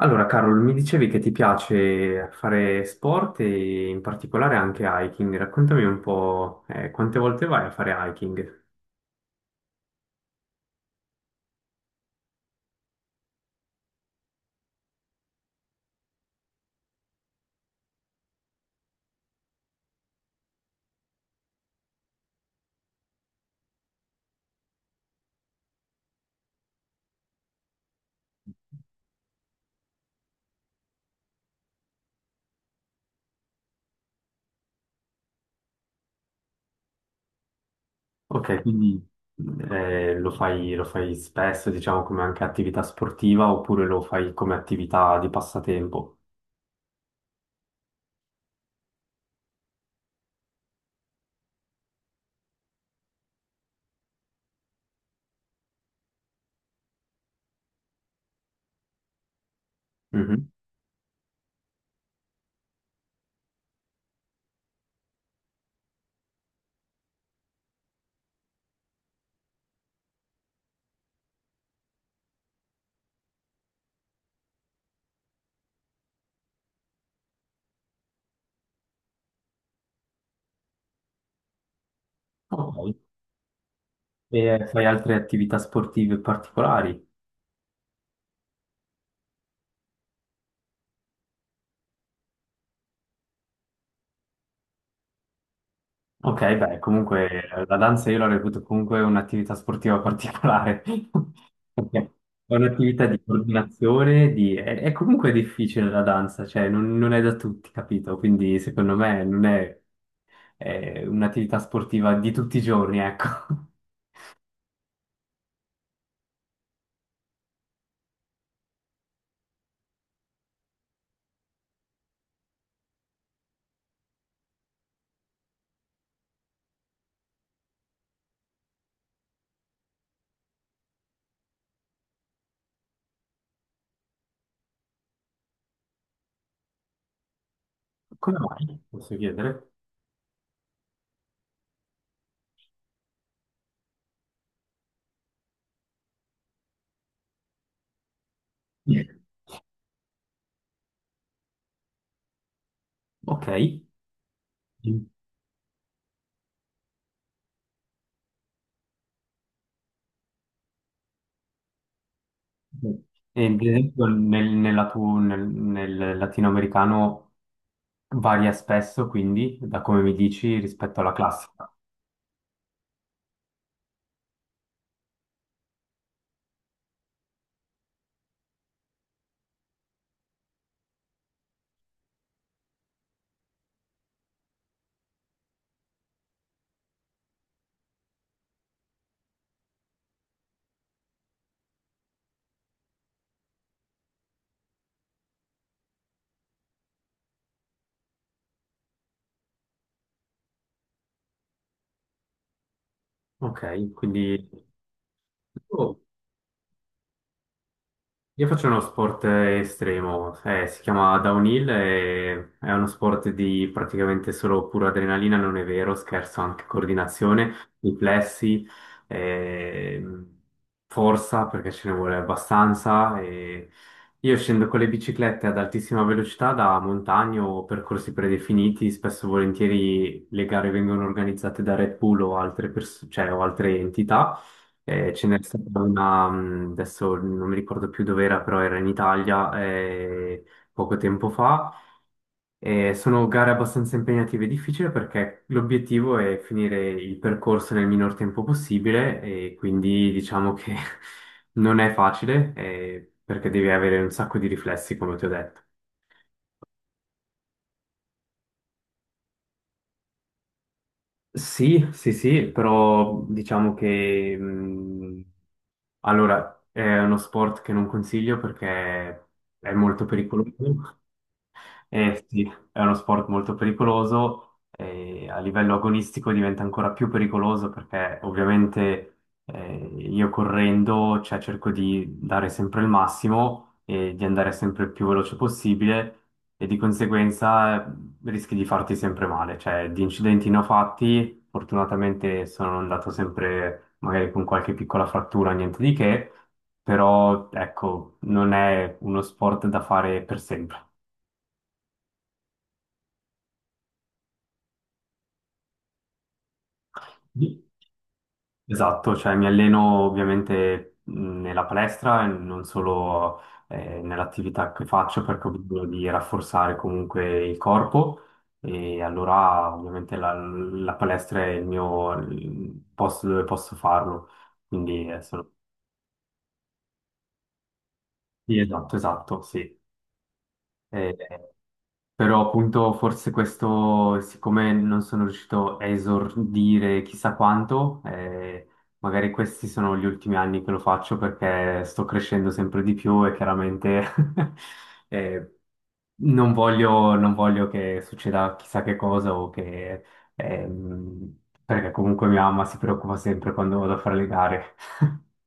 Allora, Carol, mi dicevi che ti piace fare sport e in particolare anche hiking. Raccontami un po', quante volte vai a fare hiking? Ok, quindi lo fai spesso, diciamo, come anche attività sportiva oppure lo fai come attività di passatempo? Mhm. Ok. E fai altre attività sportive particolari? Ok, beh, comunque la danza io la reputo comunque un'attività sportiva particolare, perché è un'attività di coordinazione, È, è comunque difficile la danza, cioè non, non è da tutti, capito? Quindi secondo me non è, è un'attività sportiva di tutti i giorni, ecco. Come mai? Posso chiedere? Ok. E ad esempio nel, nella tu- nel, nel latinoamericano varia spesso, quindi, da come mi dici, rispetto alla classica. Ok, quindi oh, io faccio uno sport estremo, si chiama downhill, e è uno sport di praticamente solo pura adrenalina, non è vero, scherzo, anche coordinazione, riflessi, ehm, forza perché ce ne vuole abbastanza. E io scendo con le biciclette ad altissima velocità da montagne o percorsi predefiniti, spesso e volentieri le gare vengono organizzate da Red Bull o cioè, o altre entità. Ce n'è stata una, adesso non mi ricordo più dove era, però era in Italia poco tempo fa. Sono gare abbastanza impegnative e difficili perché l'obiettivo è finire il percorso nel minor tempo possibile e quindi diciamo che non è facile perché devi avere un sacco di riflessi, come ti ho detto. Sì, sì, sì, però diciamo che allora è uno sport che non consiglio perché è molto pericoloso. Eh sì, è uno sport molto pericoloso e a livello agonistico diventa ancora più pericoloso perché ovviamente eh, io correndo, cioè, cerco di dare sempre il massimo e di andare sempre il più veloce possibile e di conseguenza rischi di farti sempre male, cioè di incidenti ne ho fatti, fortunatamente sono andato sempre magari con qualche piccola frattura, niente di che, però ecco, non è uno sport da fare per sempre. Esatto, cioè mi alleno ovviamente nella palestra e non solo nell'attività che faccio perché ho bisogno di rafforzare comunque il corpo e allora ovviamente la, la palestra è il mio il posto dove posso farlo. Quindi sono... Sì, esatto, esatto, sì. Eh, Però appunto forse questo, siccome non sono riuscito a esordire chissà quanto, magari questi sono gli ultimi anni che lo faccio perché sto crescendo sempre di più e chiaramente eh, non voglio, non voglio che succeda chissà che cosa perché comunque mia mamma si preoccupa sempre quando vado a fare le gare.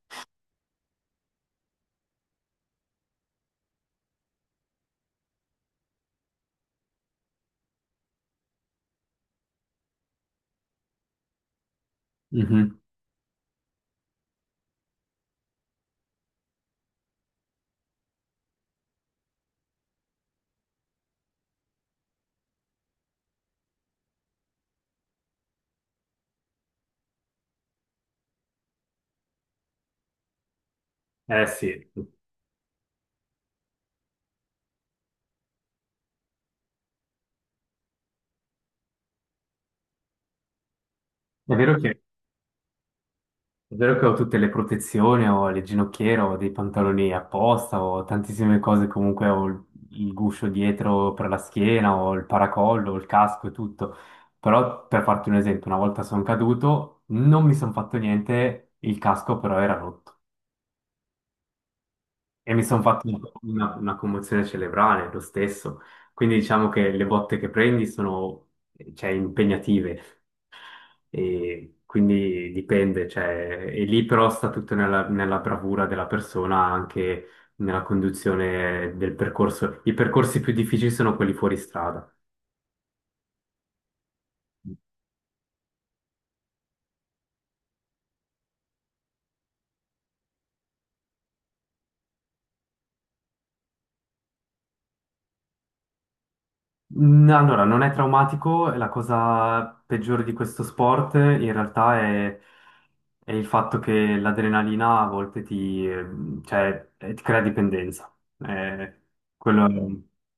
Mhm. Eh sì, È vero che È vero che ho tutte le protezioni, ho le ginocchiere, ho dei pantaloni apposta, ho tantissime cose, comunque ho il guscio dietro per la schiena, ho il paracollo, ho il casco e tutto. Però per farti un esempio, una volta sono caduto, non mi sono fatto niente, il casco però era rotto e mi sono fatto una commozione cerebrale lo stesso. Quindi diciamo che le botte che prendi sono, cioè, impegnative. E quindi dipende, cioè, e lì però sta tutto nella, nella bravura della persona, anche nella conduzione del percorso. I percorsi più difficili sono quelli fuori strada. Mm, allora, non è traumatico, e la cosa peggiore di questo sport in realtà è il fatto che l'adrenalina a volte cioè, ti crea dipendenza. Eh, Quello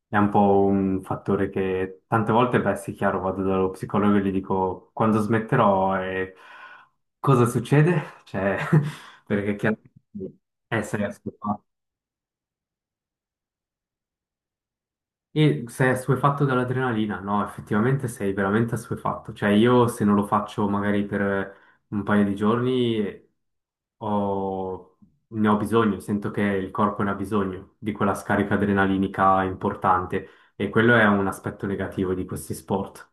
è un po' un fattore che tante volte, beh, sì, chiaro, vado dallo psicologo e gli dico quando smetterò e cosa succede? Cioè, perché chiaro, sei ascoltato. E sei assuefatto dall'adrenalina? No, effettivamente sei veramente assuefatto. Cioè, io se non lo faccio magari per un paio di giorni ho- ne ho bisogno, sento che il corpo ne ha bisogno di quella scarica adrenalinica importante e quello è un aspetto negativo di questi sport.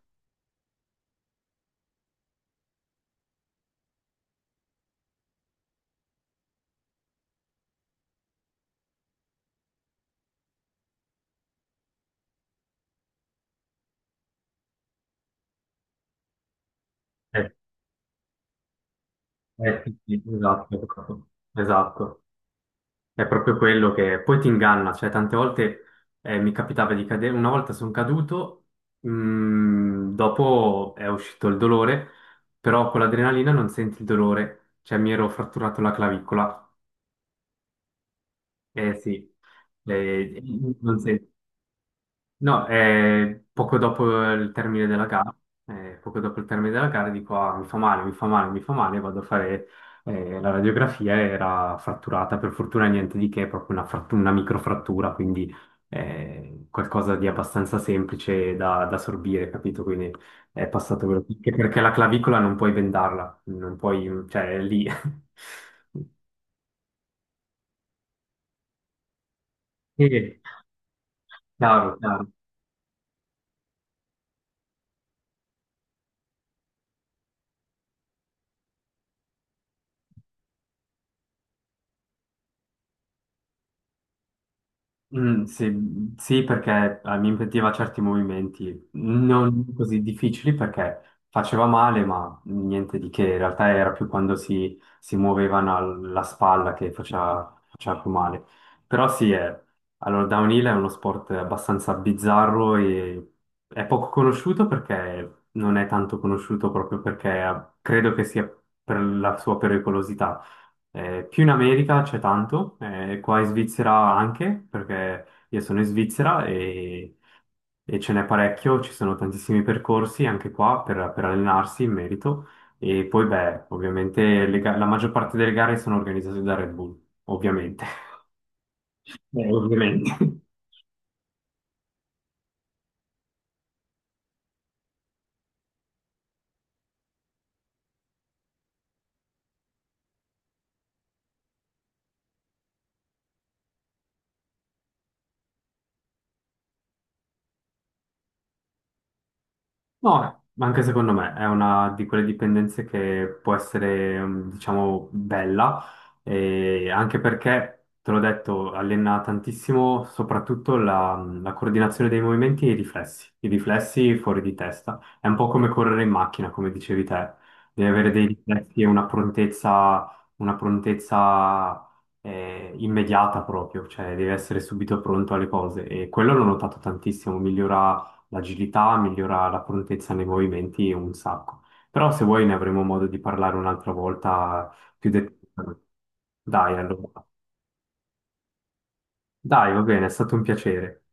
Eh, sì, sì, esatto. Esatto. È proprio quello che poi ti inganna, cioè tante volte mi capitava di cadere, una volta sono caduto, mm, dopo è uscito il dolore, però con l'adrenalina non senti il dolore, cioè mi ero fratturato la clavicola, eh sì, eh, non senti. No, poco dopo il termine della gara, poco dopo il termine della gara dico, ah, mi fa male, mi fa male, mi fa male, vado a fare la radiografia, era fratturata, per fortuna niente di che, è proprio una, una microfrattura, quindi qualcosa di abbastanza semplice da, da sorbire, capito? Quindi è passato quello che perché la clavicola non puoi vendarla, non puoi, cioè è lì. Sì, chiaro, chiaro. Mm, sì, sì, perché mi impediva certi movimenti non così difficili perché faceva male, ma niente di che. In realtà era più quando si muovevano la spalla che faceva, faceva più male. Però sì, è, allora, downhill è uno sport abbastanza bizzarro e è poco conosciuto perché non è tanto conosciuto proprio perché credo che sia per la sua pericolosità. Più in America c'è tanto, qua in Svizzera anche, perché io sono in Svizzera e ce n'è parecchio, ci sono tantissimi percorsi anche qua per allenarsi in merito. E poi, beh, ovviamente la maggior parte delle gare sono organizzate da Red Bull, ovviamente. Ovviamente. No, ma anche secondo me è una di quelle dipendenze che può essere, mm, diciamo, bella, e anche perché, te l'ho detto, allena tantissimo soprattutto la, mm, la coordinazione dei movimenti e i riflessi fuori di testa. È un po' come correre in macchina, come dicevi te, devi avere dei riflessi e una prontezza immediata proprio, cioè devi essere subito pronto alle cose e quello l'ho notato tantissimo, migliora l'agilità, migliora la prontezza nei movimenti un sacco. Però se vuoi ne avremo modo di parlare un'altra volta più dettagliatamente. Dai, allora. Dai, va bene, è stato un piacere.